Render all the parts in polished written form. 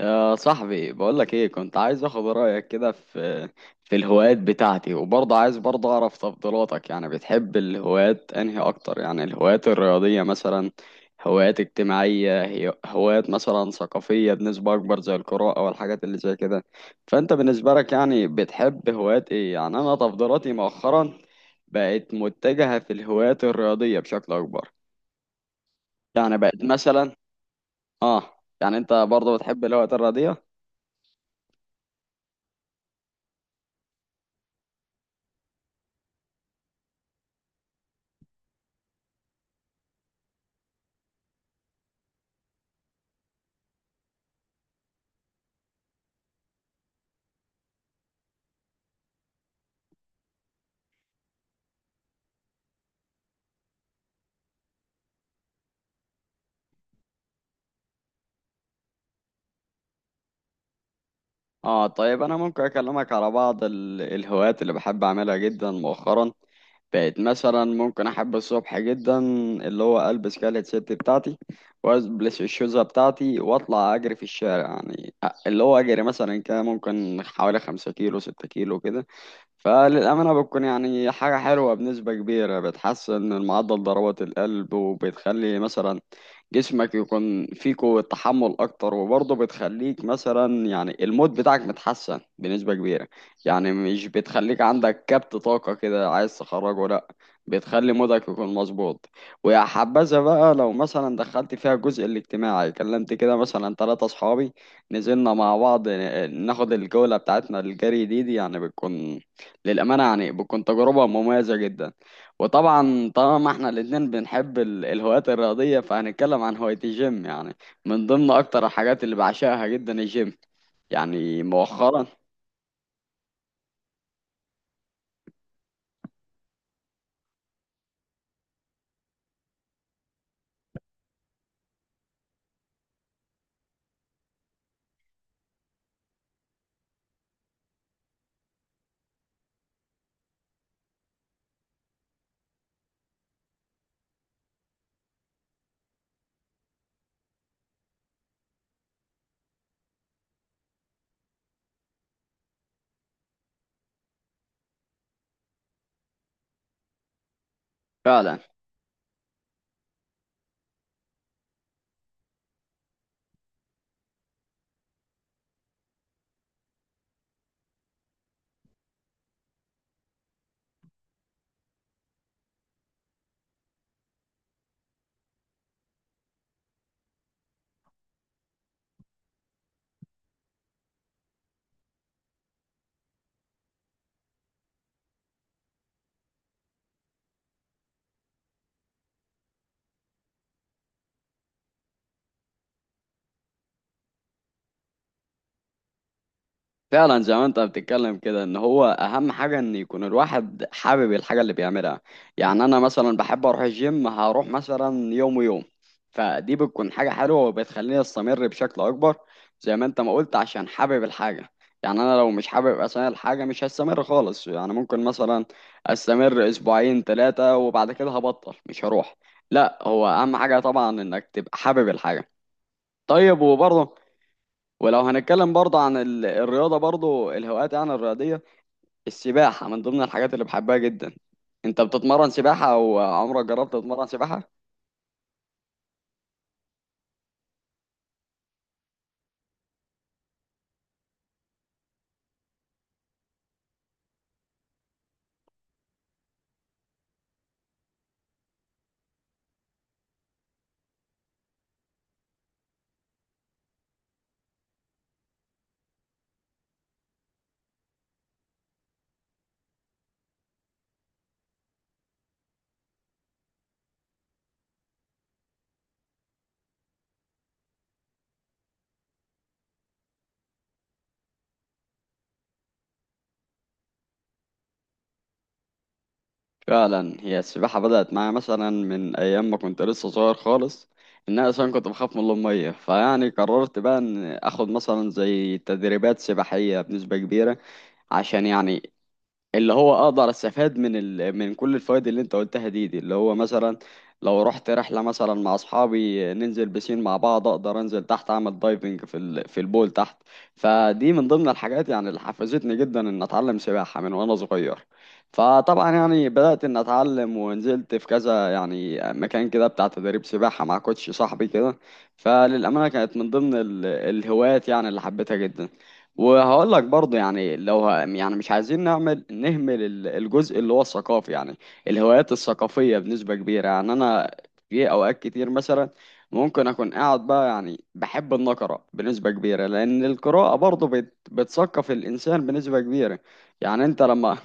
يا صاحبي بقولك ايه كنت عايز اخد رأيك كده في الهوايات بتاعتي، وبرضه عايز برضه اعرف تفضيلاتك. يعني بتحب الهوايات انهي اكتر؟ يعني الهوايات الرياضية مثلا، هوايات اجتماعية، هوايات مثلا ثقافية بنسبة اكبر زي القراءة والحاجات اللي زي كده. فانت بالنسبة لك يعني بتحب هوايات ايه؟ يعني انا تفضيلاتي مؤخرا بقت متجهة في الهوايات الرياضية بشكل اكبر. يعني بقت مثلا. اه. يعني انت برضه بتحب الهوايات الرياضية. اه طيب، انا ممكن اكلمك على بعض الهوايات اللي بحب اعملها جدا. مؤخرا بقت مثلا ممكن احب الصبح جدا، اللي هو البس كالة ست بتاعتي والبس الشوزة بتاعتي واطلع اجري في الشارع. يعني اللي هو اجري مثلا كده ممكن حوالي 5 كيلو 6 كيلو كده. فللأمانة بتكون يعني حاجة حلوة بنسبة كبيرة، بتحسن من معدل ضربات القلب، وبتخلي مثلا جسمك يكون فيه قوة تحمل أكتر، وبرضه بتخليك مثلا يعني المود بتاعك متحسن بنسبة كبيرة. يعني مش بتخليك عندك كبت طاقة كده عايز تخرجه، لأ، بتخلي مودك يكون مظبوط. ويا حبذا بقى لو مثلا دخلت فيها الجزء الاجتماعي، كلمت كده مثلا 3 أصحابي، نزلنا مع بعض ناخد الجولة بتاعتنا الجري دي، يعني بتكون، للأمانة يعني بتكون تجربة مميزة جدا. وطبعا طالما احنا الاتنين بنحب الهوايات الرياضية، فهنتكلم عن هواية الجيم. يعني من ضمن أكتر الحاجات اللي بعشقها جدا الجيم. يعني مؤخرا. فعلا. فعلا زي ما انت بتتكلم كده، ان هو اهم حاجه ان يكون الواحد حابب الحاجه اللي بيعملها. يعني انا مثلا بحب اروح الجيم، هروح مثلا يوم ويوم، فدي بتكون حاجه حلوه وبتخليني استمر بشكل اكبر. زي ما انت ما قلت، عشان حابب الحاجه. يعني انا لو مش حابب اصلا الحاجه مش هستمر خالص. يعني ممكن مثلا استمر اسبوعين ثلاثه وبعد كده هبطل مش هروح. لا، هو اهم حاجه طبعا انك تبقى حابب الحاجه. طيب، وبرضه، ولو هنتكلم برضه عن الرياضة، برضه الهوايات يعني الرياضية، السباحة من ضمن الحاجات اللي بحبها جدا. انت بتتمرن سباحة او عمرك جربت تتمرن سباحة؟ فعلا. هي السباحة بدأت معايا مثلا من ايام ما كنت لسه صغير خالص، ان انا اصلا كنت بخاف من المية. فيعني قررت بقى ان اخد مثلا زي تدريبات سباحية بنسبة كبيرة، عشان يعني اللي هو اقدر استفاد من ال... من كل الفوائد اللي انت قلتها دي، اللي هو مثلا لو رحت رحله مثلا مع اصحابي ننزل بسين مع بعض، اقدر انزل تحت اعمل دايفنج في ال... في البول تحت. فدي من ضمن الحاجات يعني اللي حفزتني جدا ان اتعلم سباحه من وانا صغير. فطبعا يعني بدات ان اتعلم ونزلت في كذا يعني مكان كده بتاع تدريب سباحه مع كوتش صاحبي كده. فللامانه كانت من ضمن ال... الهوايات يعني اللي حبيتها جدا. وهقول لك برضه، يعني لو ه... يعني مش عايزين نعمل نهمل الجزء اللي هو الثقافي. يعني الهوايات الثقافية بنسبة كبيرة، يعني أنا في أوقات كتير مثلا ممكن أكون قاعد بقى، يعني بحب النقرة بنسبة كبيرة، لأن القراءة برضه بتثقف الإنسان بنسبة كبيرة. يعني أنت لما.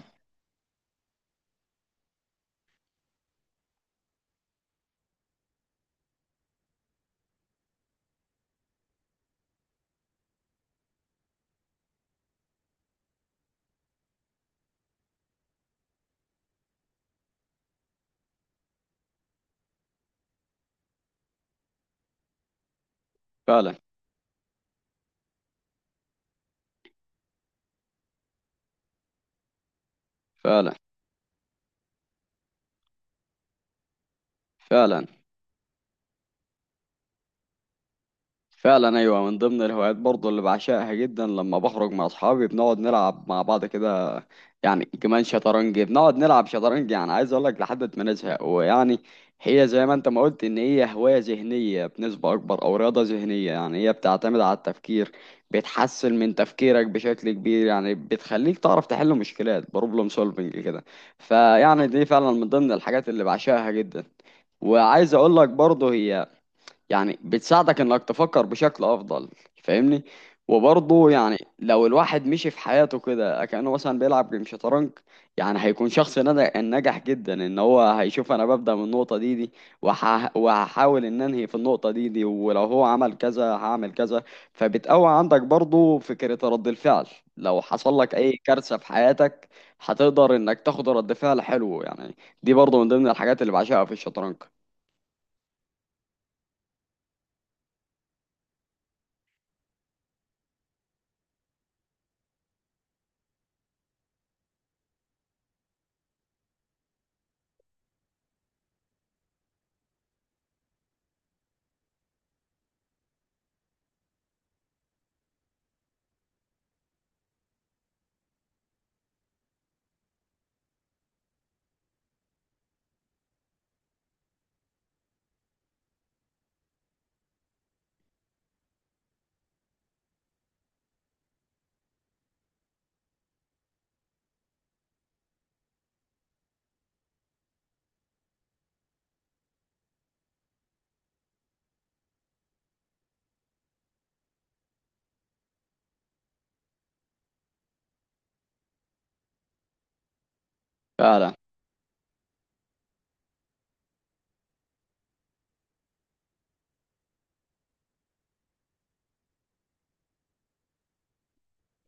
فعلا. فعلا. فعلا. فعلا ايوه، من ضمن الهوايات برضو اللي بعشقها جدا، لما بخرج مع اصحابي بنقعد نلعب مع بعض كده. يعني كمان شطرنج، بنقعد نلعب شطرنج يعني عايز اقول لك لحد ما نزهق. ويعني هي زي ما انت ما قلت ان هي هواية ذهنية بنسبة اكبر او رياضة ذهنية، يعني هي بتعتمد على التفكير، بتحسن من تفكيرك بشكل كبير، يعني بتخليك تعرف تحل مشكلات، بروبلم سولفنج كده. فيعني دي فعلا من ضمن الحاجات اللي بعشقها جدا. وعايز اقول لك برضه هي يعني بتساعدك انك تفكر بشكل افضل. فاهمني. وبرضه يعني لو الواحد مشي في حياته كده كأنه مثلا بيلعب جيم شطرنج، يعني هيكون شخص ناجح جدا، ان هو هيشوف انا ببدأ من النقطة دي، وهحاول ان انهي في النقطة دي، ولو هو عمل كذا هعمل كذا. فبتقوي عندك برضه فكرة رد الفعل. لو حصل لك اي كارثة في حياتك، هتقدر انك تاخد رد فعل حلو. يعني دي برضه من ضمن الحاجات اللي بعشقها في الشطرنج. فعلا.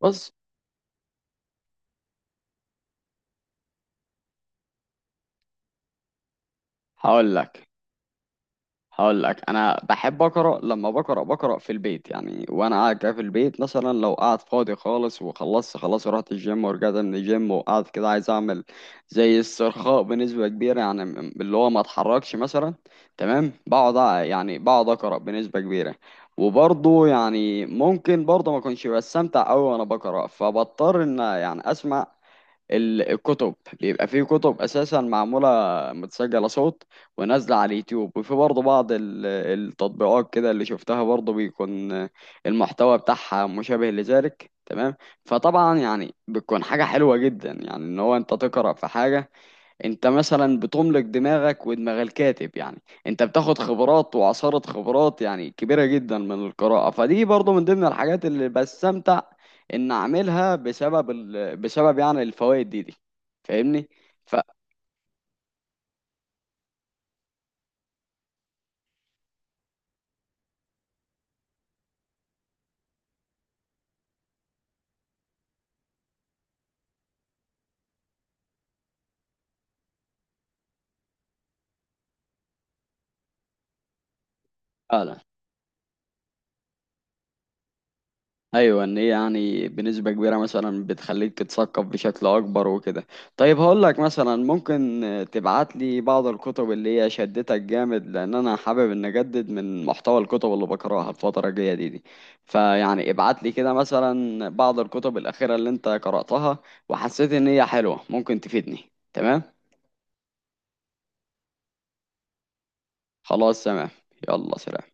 بص، هقول لك، هقول لك انا بحب اقرا. لما بقرا، بقرا في البيت يعني وانا قاعد كده في البيت، مثلا لو قاعد فاضي خالص وخلصت خلاص رحت الجيم ورجعت من الجيم وقاعد كده عايز اعمل زي استرخاء بنسبه كبيره، يعني اللي هو ما اتحركش مثلا، تمام، بقعد يعني بقعد اقرا بنسبه كبيره. وبرضه يعني ممكن برضه ما اكونش بستمتع قوي وانا بقرا، فبضطر ان يعني اسمع الكتب. بيبقى فيه كتب اساسا معموله متسجله صوت ونازله على اليوتيوب، وفي برضه بعض التطبيقات كده اللي شفتها برضه بيكون المحتوى بتاعها مشابه لذلك تمام. فطبعا يعني بتكون حاجه حلوه جدا يعني ان هو انت تقرا في حاجه. انت مثلا بتملك دماغك ودماغ الكاتب يعني، انت بتاخد خبرات وعصارة خبرات يعني كبيرة جدا من القراءة. فدي برضو من ضمن الحاجات اللي بستمتع ان اعملها بسبب ال... بسبب يعني الفوائد دي. فاهمني. فعلا ايوه، ان هي يعني بنسبه كبيره مثلا بتخليك تتثقف بشكل اكبر وكده. طيب، هقول لك مثلا ممكن تبعت لي بعض الكتب اللي هي شدتك جامد، لان انا حابب ان اجدد من محتوى الكتب اللي بقراها الفتره الجايه دي. فيعني ابعت لي كده مثلا بعض الكتب الاخيره اللي انت قراتها وحسيت ان هي حلوه ممكن تفيدني. تمام. خلاص، تمام. يلا سلام.